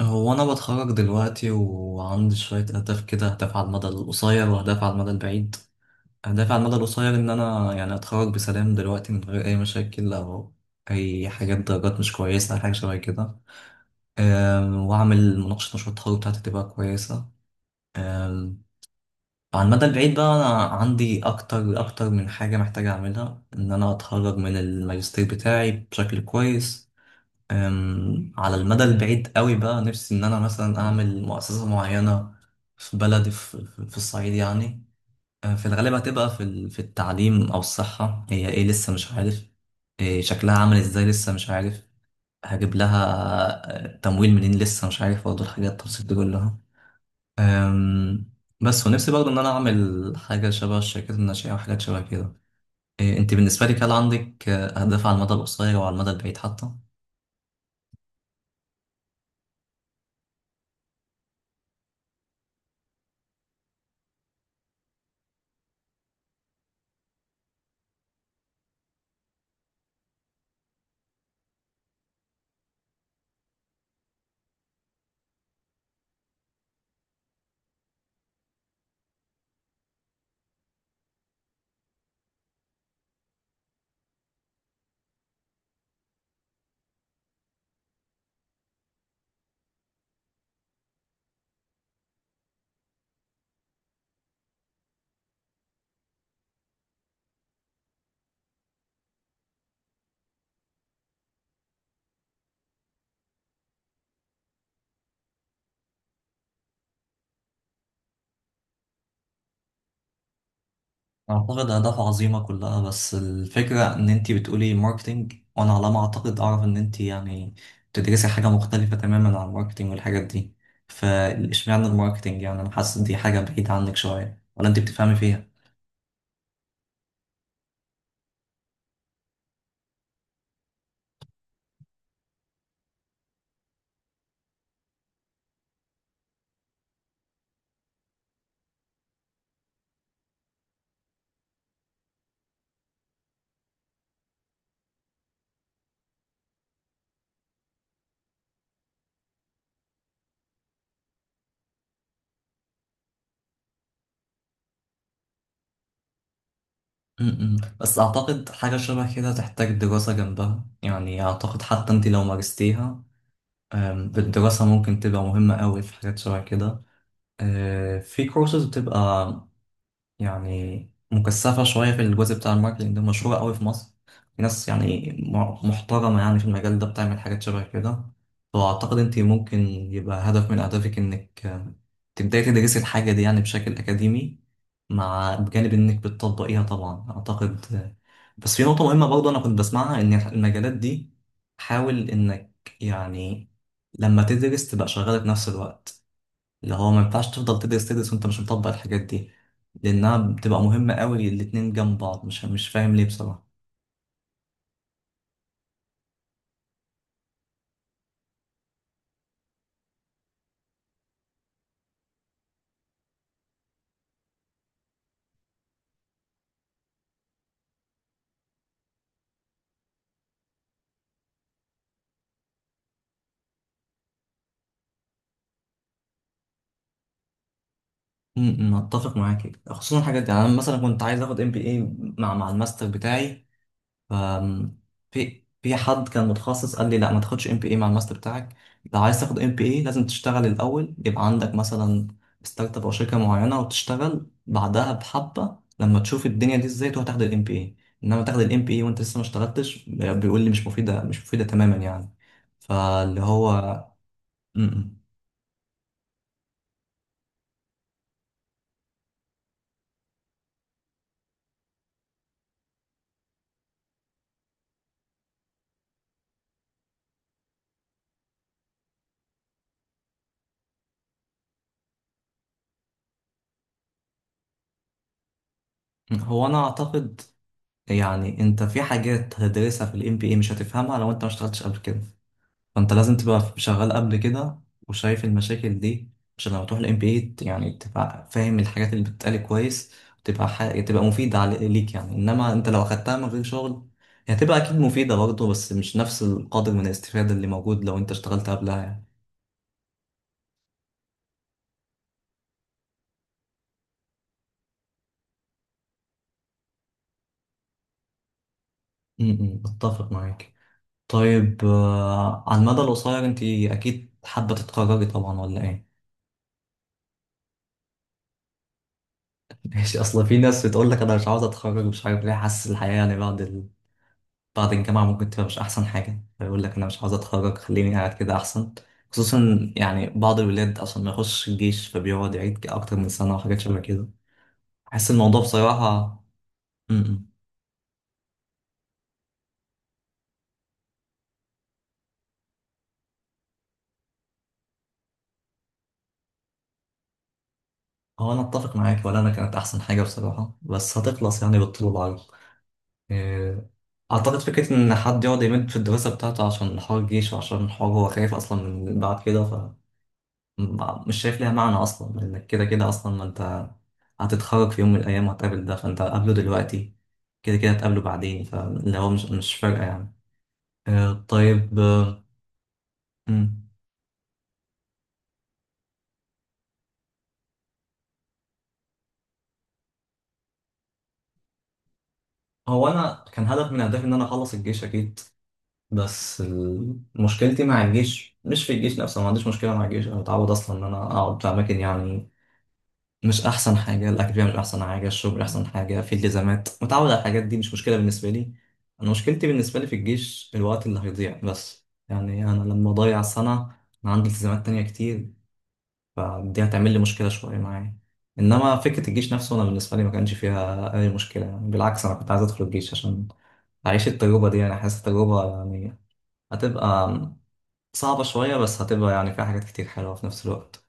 هو أنا بتخرج دلوقتي وعندي شوية أهداف كده، أهداف على المدى القصير وأهداف على المدى البعيد. أهدافي على المدى القصير إن أنا يعني أتخرج بسلام دلوقتي من غير أي مشاكل أو أي حاجات درجات مش كويسة أو حاجة شبه كده. وأعمل مناقشة مشروع التخرج بتاعتي تبقى كويسة. أم، على المدى البعيد بقى أنا عندي أكتر أكتر من حاجة محتاج أعملها، إن أنا أتخرج من الماجستير بتاعي بشكل كويس. على المدى البعيد قوي بقى نفسي ان انا مثلا اعمل مؤسسة معينة في بلدي، في الصعيد يعني. في الغالب هتبقى في في التعليم او الصحة، هي ايه لسه مش عارف إيه شكلها عامل ازاي لسه مش عارف هجيب لها تمويل منين، لسه مش عارف برضه الحاجات التفاصيل دي كلها. أم، بس ونفسي برضه ان انا اعمل حاجة شبه الشركات الناشئة وحاجات شبه كده. إيه انت بالنسبة لك، هل عندك اهداف على المدى القصير وعلى المدى البعيد حتى؟ أعتقد أهداف عظيمة كلها، بس الفكرة إن أنتي بتقولي ماركتينج، وأنا على ما أعتقد أعرف إن أنتي يعني بتدرسي حاجة مختلفة تماما عن الماركتينج والحاجات دي. فإشمعنى الماركتينج؟ يعني أنا حاسس إن دي حاجة بعيدة عنك شوية، ولا أنتي بتفهمي فيها؟ م-م. بس أعتقد حاجة شبه كده تحتاج دراسة جنبها، يعني أعتقد حتى أنتي لو مارستيها بالدراسة ممكن تبقى مهمة أوي في حاجات شبه كده. في كورسز بتبقى يعني مكثفة شوية في الجزء بتاع الماركتينج ده، مشهورة قوي في مصر، في ناس يعني محترمة يعني في المجال ده بتعمل حاجات شبه كده. فأعتقد أنت ممكن يبقى هدف من أهدافك إنك تبدأي تدرسي الحاجة دي يعني بشكل أكاديمي، مع بجانب إنك بتطبقيها طبعا. أعتقد بس في نقطة مهمة برضه أنا كنت بسمعها، إن المجالات دي حاول إنك يعني لما تدرس تبقى شغالة في نفس الوقت. اللي هو ما ينفعش تفضل تدرس تدرس وانت مش مطبق الحاجات دي، لانها بتبقى مهمه قوي الاتنين جنب بعض. مش فاهم ليه بصراحه. اتفق معاك، خصوصا الحاجات دي. يعني انا مثلا كنت عايز اخد ام بي اي مع الماستر بتاعي. أم، في حد كان متخصص قال لي لا ما تاخدش ام بي اي مع الماستر بتاعك. لو عايز تاخد ام بي اي لازم تشتغل الاول، يبقى عندك مثلا ستارت اب او شركه معينه وتشتغل بعدها بحبه، لما تشوف الدنيا دي ازاي تروح تاخد الام بي اي. انما تاخد الام بي اي وانت لسه ما اشتغلتش، بيقول لي مش مفيده مش مفيده تماما يعني. فاللي هو م- م. هو انا اعتقد يعني انت في حاجات هتدرسها في الام بي اي مش هتفهمها لو انت ما اشتغلتش قبل كده. فانت لازم تبقى شغال قبل كده وشايف المشاكل دي، عشان لما تروح الام بي اي يعني تبقى فاهم الحاجات اللي بتتقال كويس، وتبقى حاجة تبقى مفيدة ليك يعني. انما انت لو اخدتها من غير شغل هي هتبقى اكيد مفيدة برضه، بس مش نفس القدر من الاستفادة اللي موجود لو انت اشتغلت قبلها يعني. م- م، اتفق معاك. طيب على المدى القصير انت اكيد حابة تتخرجي طبعا ولا ايه؟ ماشي، اصل في ناس بتقول لك انا مش عاوز اتخرج، مش عارف ليه، حاسس الحياة يعني بعد الجامعة ممكن تبقى مش أحسن حاجة، فيقول لك أنا مش عاوز أتخرج، خليني قاعد كده أحسن. خصوصا يعني بعض الولاد أصلا ما يخش الجيش، فبيقعد يعيد أكتر من سنة وحاجات شبه كده. أحس الموضوع بصراحة. م- م. هو أنا أتفق معاك، ولا أنا كانت أحسن حاجة بصراحة، بس هتخلص يعني بالطول والعرض. آه، أعتقد فكرة إن حد يقعد يمد في الدراسة بتاعته عشان حوار الجيش، وعشان حوار هو خايف أصلا من بعد كده، مش شايف ليها معنى اصلا، لانك كده كده اصلا ما انت هتتخرج في يوم من الايام وهتقابل ده، فانت قابله دلوقتي كده كده هتقابله بعدين. فاللي هو مش فارقه يعني. طيب مم. هو انا كان هدف من اهدافي ان انا اخلص الجيش اكيد، بس مشكلتي مع الجيش مش في الجيش نفسه. ما عنديش مشكله مع الجيش، انا متعود اصلا ان انا اقعد في اماكن يعني مش احسن حاجه. الاكاديميه مش احسن حاجه، الشغل مش احسن حاجه، في التزامات متعود على الحاجات دي مش مشكله بالنسبه لي. انا مشكلتي بالنسبه لي في الجيش الوقت اللي هيضيع بس، يعني انا لما اضيع سنه انا عندي التزامات تانية كتير، فدي هتعمل لي مشكله شويه معايا. انما فكره الجيش نفسه انا بالنسبه لي ما كانش فيها اي مشكله يعني، بالعكس انا كنت عايز ادخل الجيش عشان اعيش التجربه دي. يعني حاسس التجربه يعني هتبقى صعبه شويه، بس هتبقى يعني فيها حاجات كتير حلوه في نفس الوقت.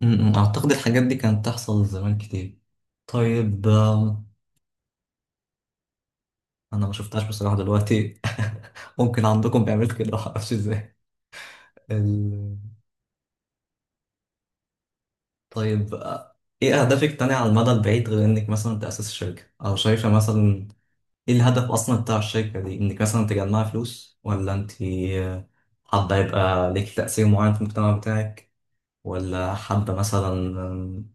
م- م. أعتقد الحاجات دي كانت تحصل زمان كتير. طيب أنا ما شفتهاش بصراحة دلوقتي. ممكن عندكم بيعملوا كده معرفش ازاي. ال... طيب ايه أهدافك تانية على المدى البعيد، غير إنك مثلا تأسس الشركة؟ أو شايفة مثلا ايه الهدف أصلا بتاع الشركة دي؟ إنك مثلا تجمعي فلوس، ولا أنت حابة يبقى ليك تأثير معين في المجتمع بتاعك، ولا حابة مثلا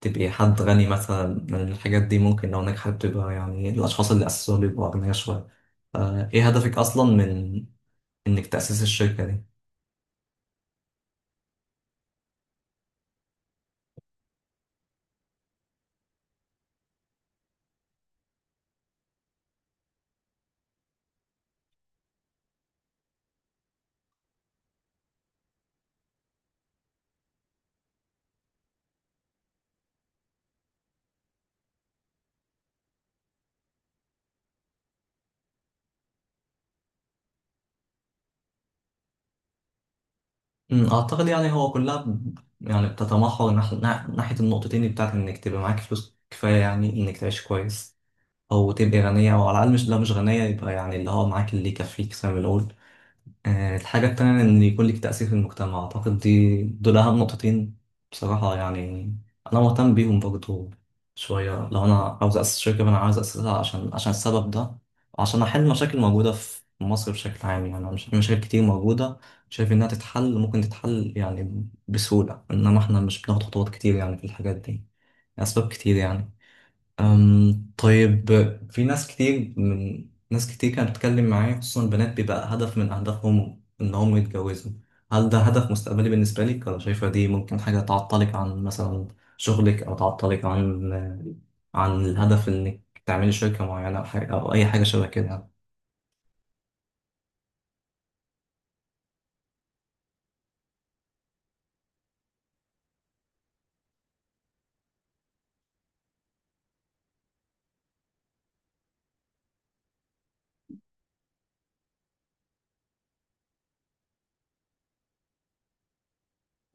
تبقي حد غني، مثلا من الحاجات دي ممكن لو نجحت تبقى يعني الأشخاص اللي أسسوها بيبقوا أغنياء شوية. إيه هدفك أصلا من إنك تأسس الشركة دي؟ أمم، أعتقد يعني هو كلها يعني بتتمحور ناحية النقطتين، بتاعت إنك تبقى معاك فلوس كفاية يعني إنك تعيش كويس أو تبقي غنية، أو على الأقل مش، لو مش غنية يبقى يعني اللي هو معاك اللي يكفيك زي ما بنقول. الحاجة التانية إن يكون لك تأثير في المجتمع. أعتقد دي دول أهم نقطتين بصراحة يعني. أنا مهتم بيهم برضو شوية. لو أنا عاوز أسس شركة فأنا عاوز أسسها عشان السبب ده، وعشان أحل مشاكل موجودة في مصر بشكل عام. يعني في مشاكل كتير موجودة شايف إنها تتحل، ممكن تتحل يعني بسهولة، إنما إحنا مش بناخد خطوات كتير يعني في الحاجات دي. أسباب كتير يعني. طيب، في ناس كتير، من ناس كتير كانت بتتكلم معايا خصوصا البنات بيبقى هدف من أهدافهم إن هم يتجوزوا. هل ده هدف مستقبلي بالنسبة لك، ولا شايفة دي ممكن حاجة تعطلك عن مثلا شغلك، أو تعطلك عن الهدف إنك تعملي شركة معينة أو حاجة أو أي حاجة شبه كده يعني؟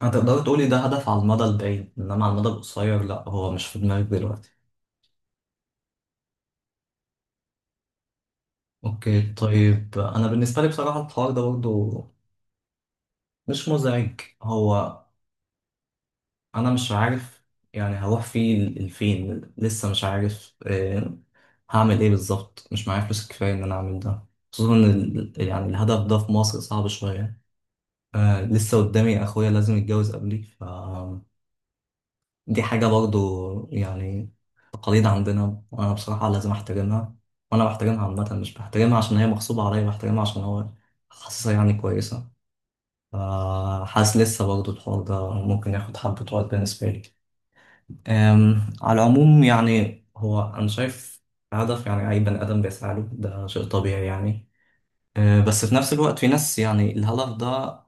هتقدري تقولي ده هدف على المدى البعيد، إنما على المدى القصير لأ، هو مش في دماغك دلوقتي. اوكي طيب، انا بالنسبه لي بصراحه الحوار ده برضه مش مزعج. هو انا مش عارف يعني هروح فيه لفين، لسه مش عارف هعمل ايه بالظبط. مش معايا فلوس كفايه ان انا اعمل ده، خصوصا ان يعني الهدف ده في مصر صعب شويه. لسه قدامي اخويا لازم يتجوز قبلي، ف دي حاجه برضو يعني تقاليد عندنا، وانا بصراحه لازم احترمها. وانا بحترمها عامه، مش بحترمها عشان هي مغصوبه عليا، بحترمها عشان هو حاسسها يعني كويسه. ف حاسس لسه برضو الحوار ده ممكن ياخد حبه وقت بالنسبه لي. على العموم يعني هو أنا شايف هدف يعني أي بني آدم بيسعى له، ده شيء طبيعي يعني. بس في نفس الوقت في ناس يعني الهدف ده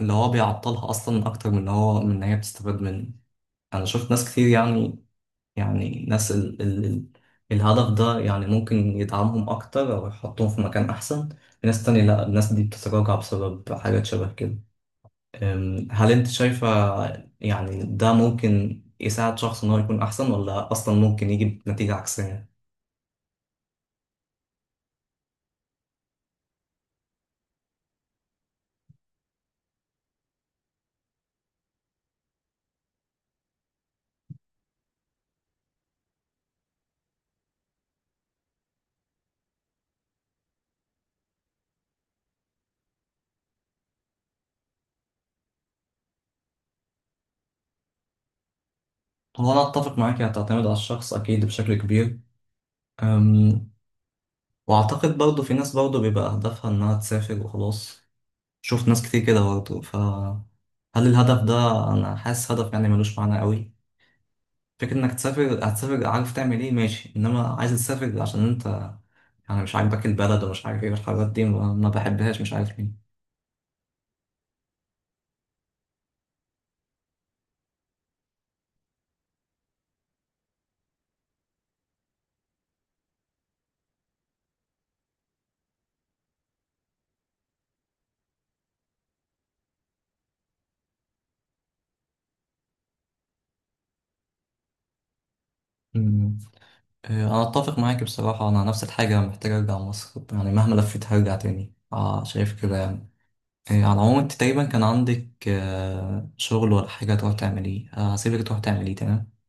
اللي هو بيعطلها أصلا، أكتر من إن هو من إن هي بتستفاد منه. أنا شفت ناس كتير يعني. يعني ناس ال ال ال الهدف ده يعني ممكن يدعمهم أكتر أو يحطهم في مكان أحسن. في ناس تانية لأ، الناس دي بتتراجع بسبب حاجات شبه كده. هل انت شايفة يعني ده ممكن يساعد شخص ان هو يكون احسن، ولا اصلا ممكن يجي بنتيجة عكسية؟ هو انا اتفق معاك، هتعتمد على الشخص اكيد بشكل كبير. أم، واعتقد برضه في ناس برضه بيبقى هدفها انها تسافر وخلاص. شفت ناس كتير كده برضه، ف هل الهدف ده، انا حاسس هدف يعني ملوش معنى قوي. فكرة انك تسافر، هتسافر عارف تعمل ايه ماشي، انما عايز تسافر عشان انت يعني مش عاجبك البلد ومش عارف ايه والحاجات دي ما بحبهاش، مش عارف ليه. انا اتفق معاك بصراحه، انا نفس الحاجه محتاج ارجع مصر، يعني مهما لفيت هرجع تاني، آه شايف كده يعني. على العموم انت تقريبا كان عندك آه شغل ولا حاجه تروح تعمليه، آه هسيبك تروح تعمليه. تمام.